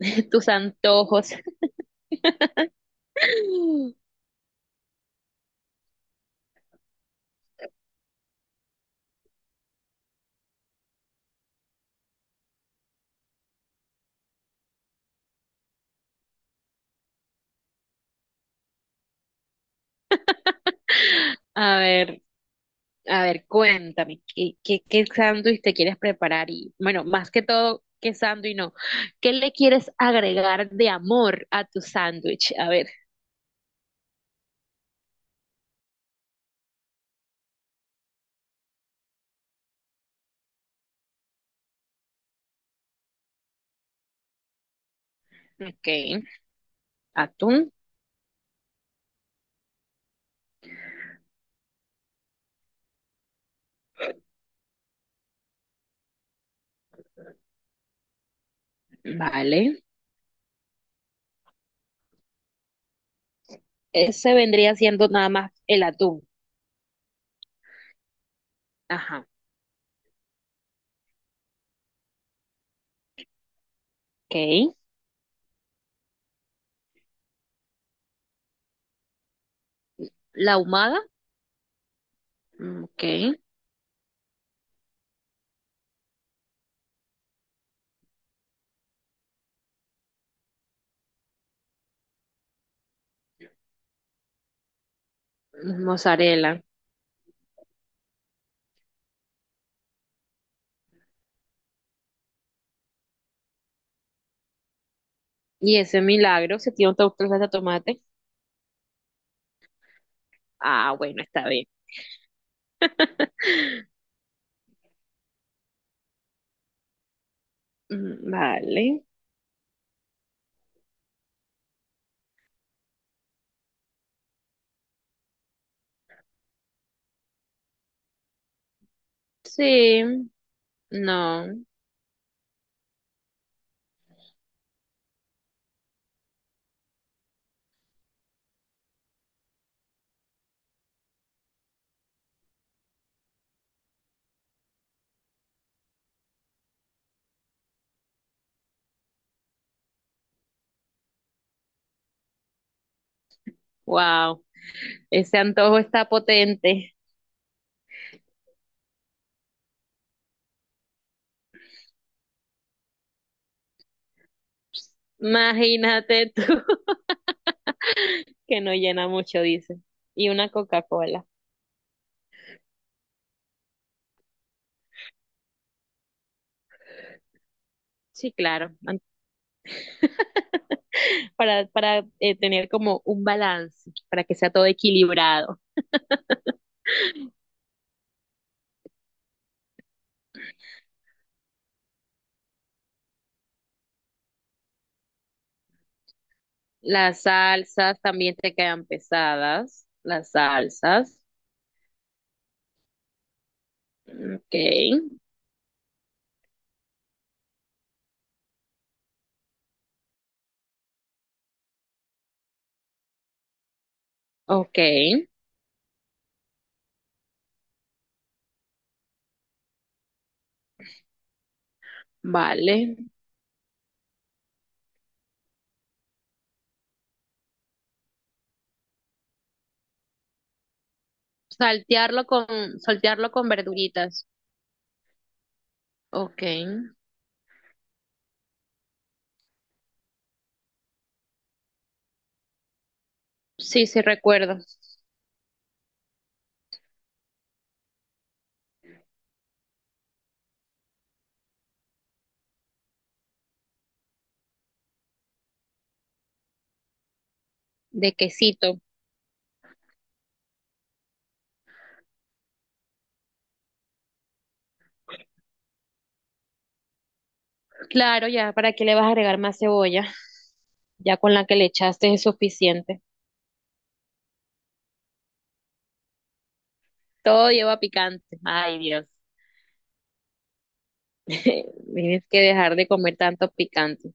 Tus antojos. A ver, cuéntame, qué sándwich te quieres preparar? Y bueno, más que todo, ¿qué sándwich no? ¿Qué le quieres agregar de amor a tu sándwich? A ver, ok, atún, vale. Ese vendría siendo nada más el atún. Ajá, ok. La ahumada, mm, ok. Mozzarella. Y ese milagro, si tiene otra salsa de tomate. Ah, bueno, está bien. Mm, vale. Sí. No. Wow. Ese antojo está potente. Imagínate tú, que no llena mucho, dice. Y una Coca-Cola. Sí, claro. Para tener como un balance, para que sea todo equilibrado. Las salsas también te quedan pesadas. Las salsas. Ok. Ok. Vale. Saltearlo con, saltearlo con verduritas. Ok. Sí, sí recuerdo. De quesito. Claro, ya, ¿para qué le vas a agregar más cebolla? Ya con la que le echaste es suficiente. Todo lleva picante. Ay, Dios. Tienes que dejar de comer tanto picante.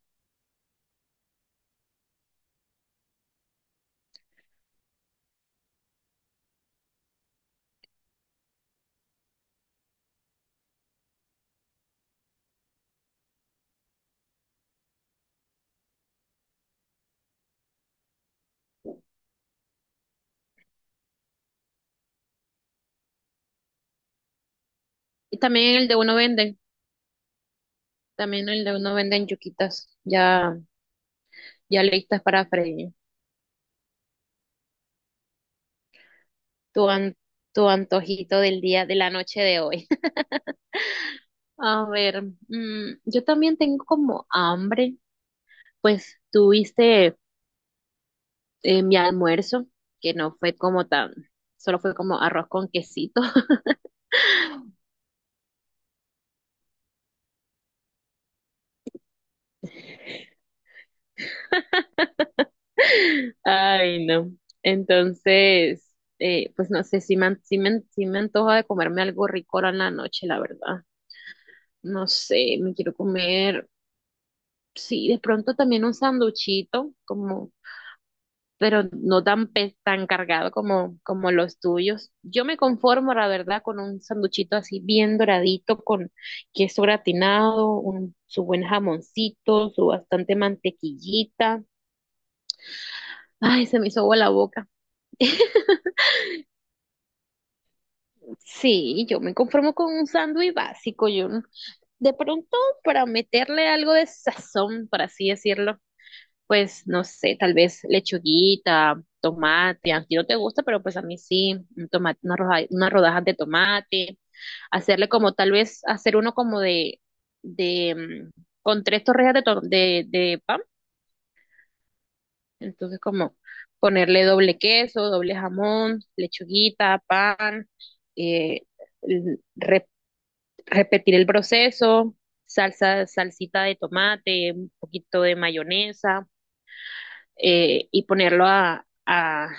Y también en el de uno venden, también en el de uno venden yuquitas, ya, ya listas para freír. Tu, an- Tu antojito del día, de la noche de hoy. A ver, mm, yo también tengo como hambre, pues tuviste mi almuerzo, que no fue como tan, solo fue como arroz con quesito. Ay, no. Entonces, pues no sé, si me, an- sí me, an- sí me antoja de comerme algo rico ahora en la noche, la verdad. No sé, me quiero comer. Sí, de pronto también un sanduchito, como, pero no tan, tan cargado como, como los tuyos. Yo me conformo, la verdad, con un sanduchito así bien doradito, con queso gratinado, un, su buen jamoncito, su bastante mantequillita. Ay, se me hizo agua la boca. Sí, yo me conformo con un sándwich básico, yo no- de pronto para meterle algo de sazón, por así decirlo. Pues no sé, tal vez lechuguita, tomate, a ti no te gusta, pero pues a mí sí, un tomate, una rodaja, unas rodajas de tomate, hacerle como tal vez hacer uno como mm, con tres torrejas de pan, entonces como ponerle doble queso, doble jamón, lechuguita, pan, eh, l- re- repetir el proceso, salsa, salsita de tomate, un poquito de mayonesa y ponerlo a, a,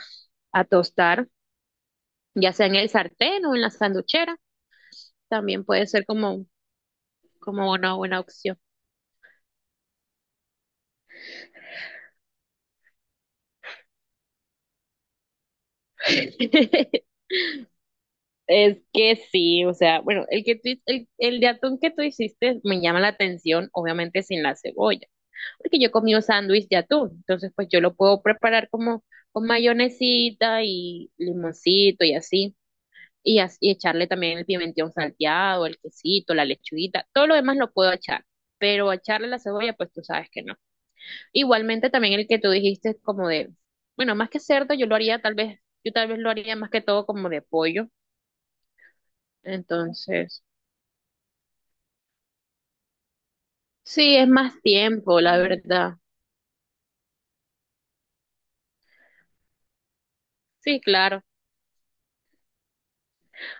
a, tostar, ya sea en el sartén o en la sanduchera, también puede ser como, como una buena opción. Es que sí, o sea, bueno, el que tú, el de atún que tú hiciste me llama la atención, obviamente sin la cebolla, porque yo comí un sándwich de atún, entonces pues yo lo puedo preparar como con mayonesita y limoncito y así. Y, y echarle también el pimentón salteado, el quesito, la lechuguita, todo lo demás lo puedo echar, pero echarle la cebolla, pues tú sabes que no. Igualmente también el que tú dijiste como de, bueno, más que cerdo, yo lo haría tal vez, yo tal vez lo haría más que todo como de pollo, entonces, sí, es más tiempo, la verdad. Sí, claro.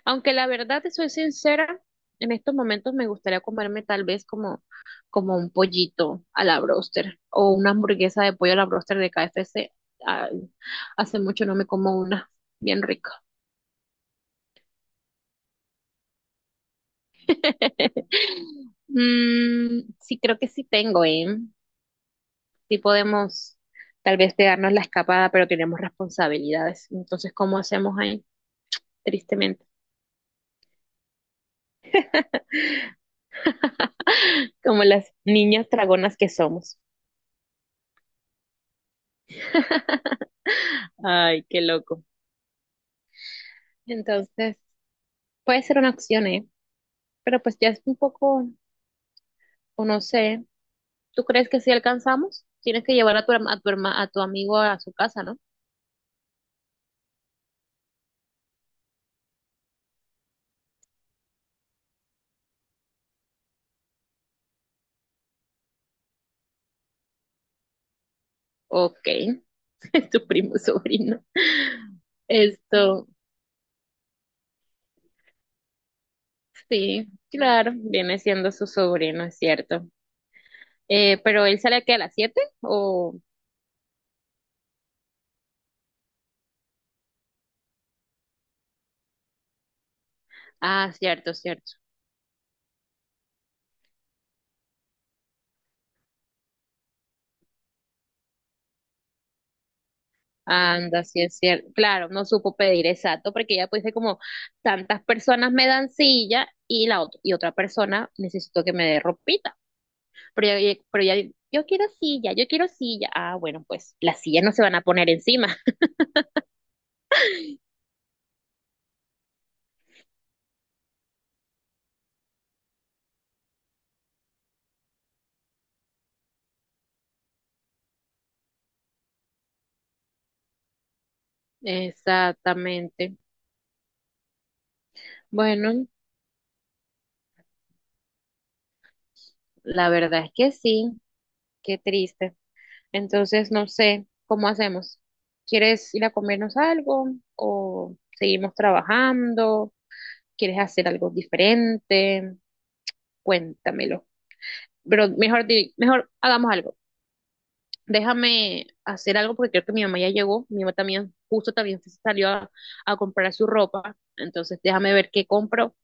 Aunque la verdad, te soy sincera, en estos momentos me gustaría comerme tal vez como, como un pollito a la broster o una hamburguesa de pollo a la broster de KFC. Ay, hace mucho no me como una, bien rico. Mm, sí, creo que sí tengo, ¿eh? Sí podemos tal vez pegarnos la escapada, pero tenemos responsabilidades. Entonces, ¿cómo hacemos ahí? Tristemente, como las niñas dragonas que somos. Ay, qué loco. Entonces, puede ser una opción, ¿eh? Pero pues ya es un poco, o no sé, ¿tú crees que si alcanzamos? Tienes que llevar a tu amigo a su casa, ¿no? Ok, tu primo sobrino. Esto, sí, claro, viene siendo su sobrino, es cierto. Pero él sale aquí a las 7 o... Ah, cierto, cierto. Anda, sí es cierto. Claro, no supo pedir exacto porque ya pues dice como tantas personas me dan silla y la otra y otra persona necesito que me dé ropita. Pero ya, yo quiero silla, yo quiero silla. Ah, bueno, pues las sillas no se van a poner encima. Exactamente. Bueno, la verdad es que sí, qué triste. Entonces, no sé, ¿cómo hacemos? ¿Quieres ir a comernos algo o seguimos trabajando? ¿Quieres hacer algo diferente? Cuéntamelo. Pero mejor, mejor hagamos algo. Déjame hacer algo porque creo que mi mamá ya llegó, mi mamá también, justo también se salió a comprar su ropa, entonces déjame ver qué compro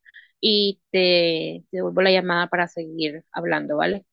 y te devuelvo la llamada para seguir hablando, ¿vale?